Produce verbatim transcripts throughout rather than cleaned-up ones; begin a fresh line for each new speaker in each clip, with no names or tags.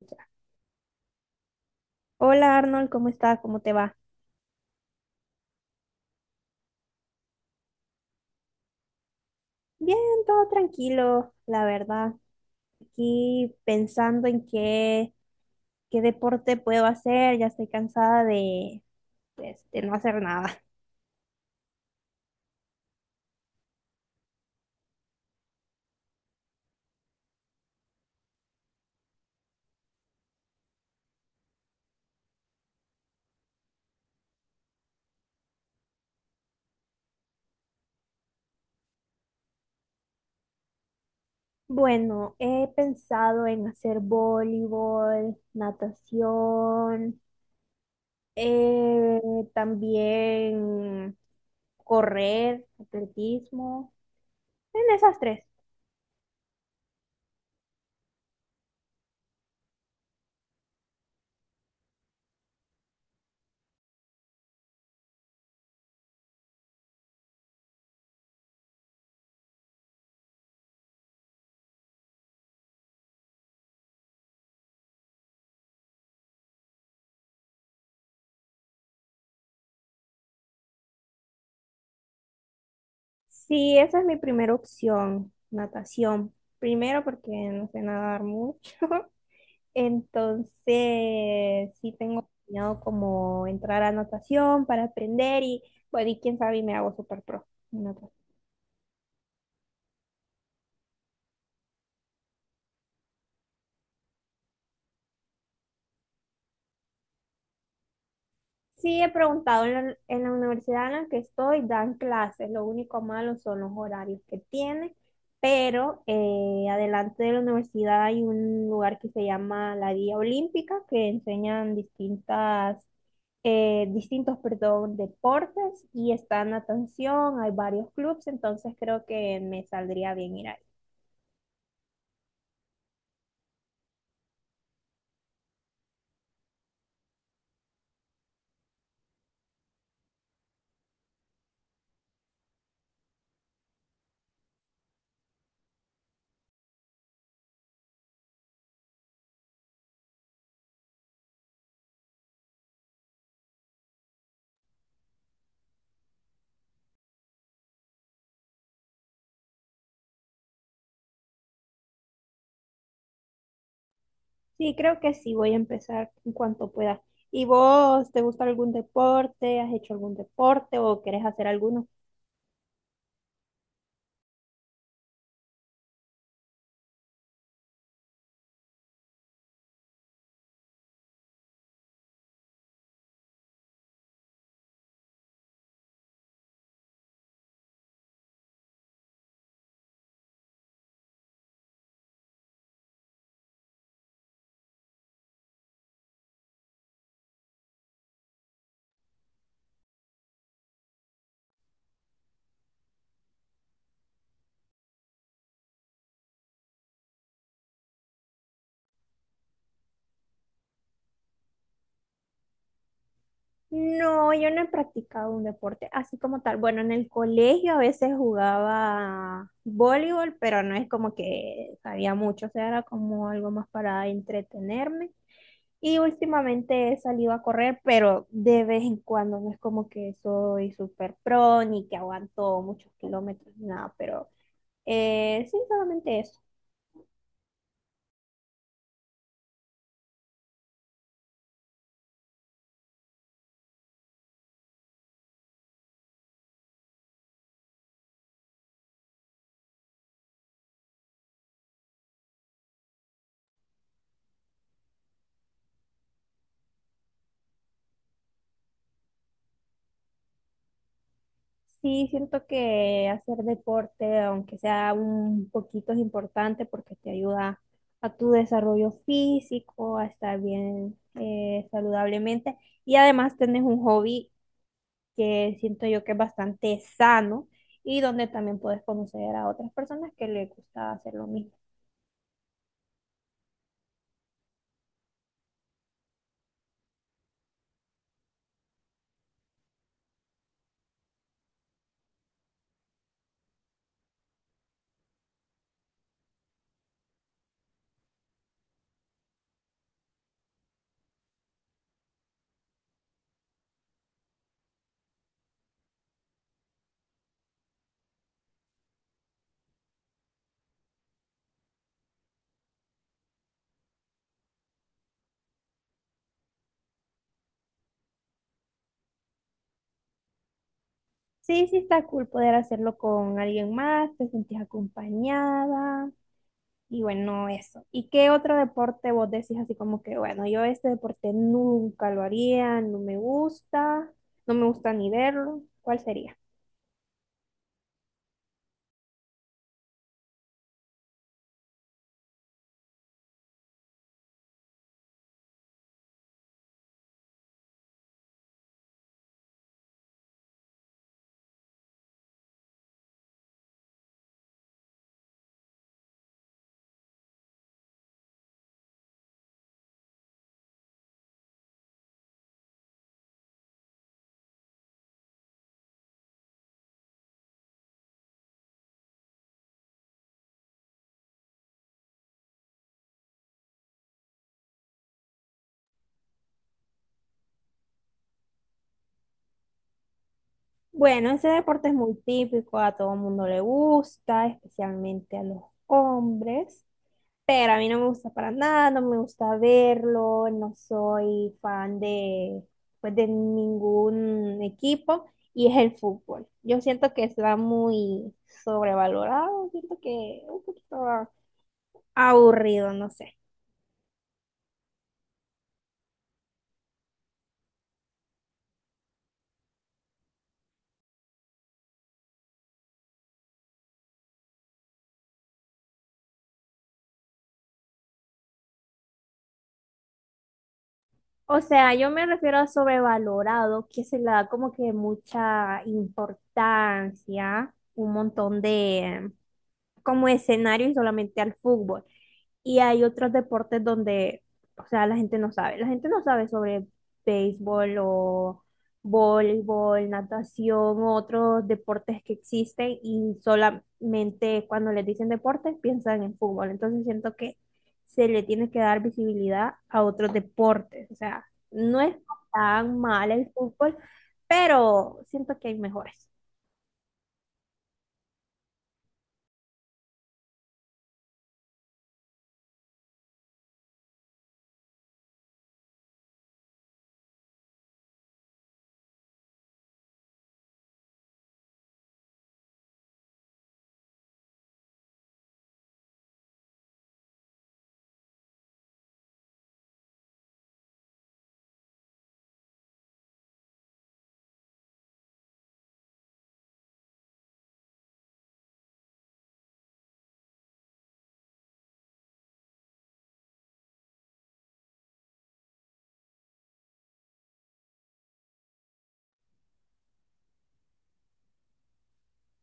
Ya. Hola Arnold, ¿cómo estás? ¿Cómo te va? Bien, todo tranquilo, la verdad. Aquí pensando en qué, qué deporte puedo hacer, ya estoy cansada de, pues, de no hacer nada. Bueno, he pensado en hacer voleibol, natación, eh, también correr, atletismo, en esas tres. Sí, esa es mi primera opción, natación. Primero porque no sé nadar mucho, entonces sí tengo planeado como entrar a natación para aprender y bueno, y quién sabe y me hago súper pro en natación. Sí, he preguntado en la, en la universidad en la que estoy, dan clases, lo único malo son los horarios que tiene, pero eh, adelante de la universidad hay un lugar que se llama la Guía Olímpica, que enseñan distintas, eh, distintos, perdón, deportes y está natación, hay varios clubes, entonces creo que me saldría bien ir ahí. Sí, creo que sí, voy a empezar en cuanto pueda. ¿Y vos, te gusta algún deporte? ¿Has hecho algún deporte o querés hacer alguno? No, yo no he practicado un deporte así como tal. Bueno, en el colegio a veces jugaba voleibol, pero no es como que sabía mucho, o sea, era como algo más para entretenerme. Y últimamente he salido a correr, pero de vez en cuando no es como que soy súper pro ni que aguanto muchos kilómetros, ni nada, pero eh, sí, solamente eso. Sí, siento que hacer deporte, aunque sea un poquito, es importante porque te ayuda a tu desarrollo físico, a estar bien eh, saludablemente, y además tenés un hobby que siento yo que es bastante sano y donde también puedes conocer a otras personas que les gusta hacer lo mismo. Sí, sí está cool poder hacerlo con alguien más, te sentís acompañada. Y bueno, eso. ¿Y qué otro deporte vos decís así como que, bueno, yo este deporte nunca lo haría, no me gusta, no me gusta ni verlo? ¿Cuál sería? Bueno, ese deporte es muy típico, a todo mundo le gusta, especialmente a los hombres, pero a mí no me gusta para nada, no me gusta verlo, no soy fan de, pues, de ningún equipo, y es el fútbol. Yo siento que está muy sobrevalorado, siento que un poquito aburrido, no sé. O sea, yo me refiero a sobrevalorado, que se le da como que mucha importancia, un montón de como escenario, y solamente al fútbol. Y hay otros deportes donde, o sea, la gente no sabe. La gente no sabe sobre béisbol o voleibol, natación, otros deportes que existen, y solamente cuando les dicen deportes piensan en fútbol. Entonces siento que se le tiene que dar visibilidad a otros deportes. O sea, no es tan mal el fútbol, pero siento que hay mejores.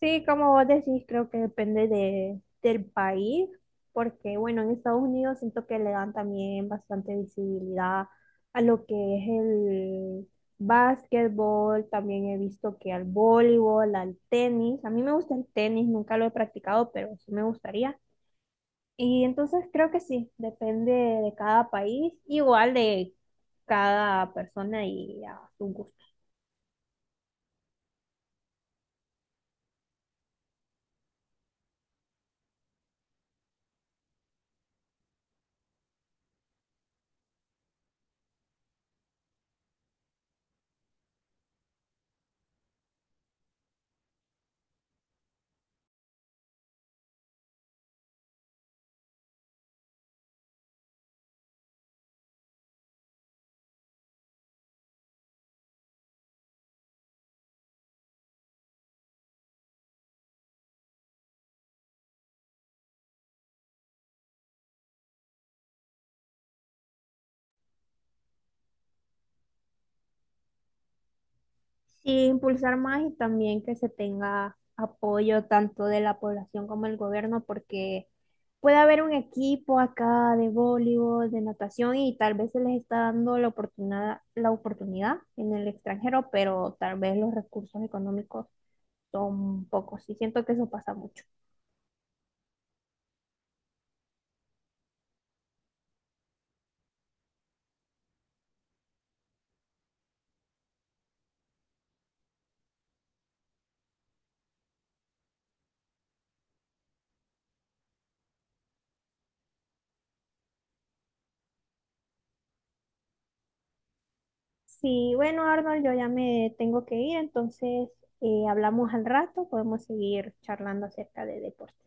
Sí, como vos decís, creo que depende de, del país, porque bueno, en Estados Unidos siento que le dan también bastante visibilidad a lo que es el básquetbol, también he visto que al voleibol, al tenis, a mí me gusta el tenis, nunca lo he practicado, pero sí me gustaría. Y entonces creo que sí, depende de cada país, igual de cada persona y a sus gustos. Sí, impulsar más y también que se tenga apoyo tanto de la población como del gobierno, porque puede haber un equipo acá de voleibol, de natación, y tal vez se les está dando la oportunidad, la oportunidad en el extranjero, pero tal vez los recursos económicos son pocos y siento que eso pasa mucho. Sí, bueno, Arnold, yo ya me tengo que ir, entonces eh, hablamos al rato, podemos seguir charlando acerca de deportes.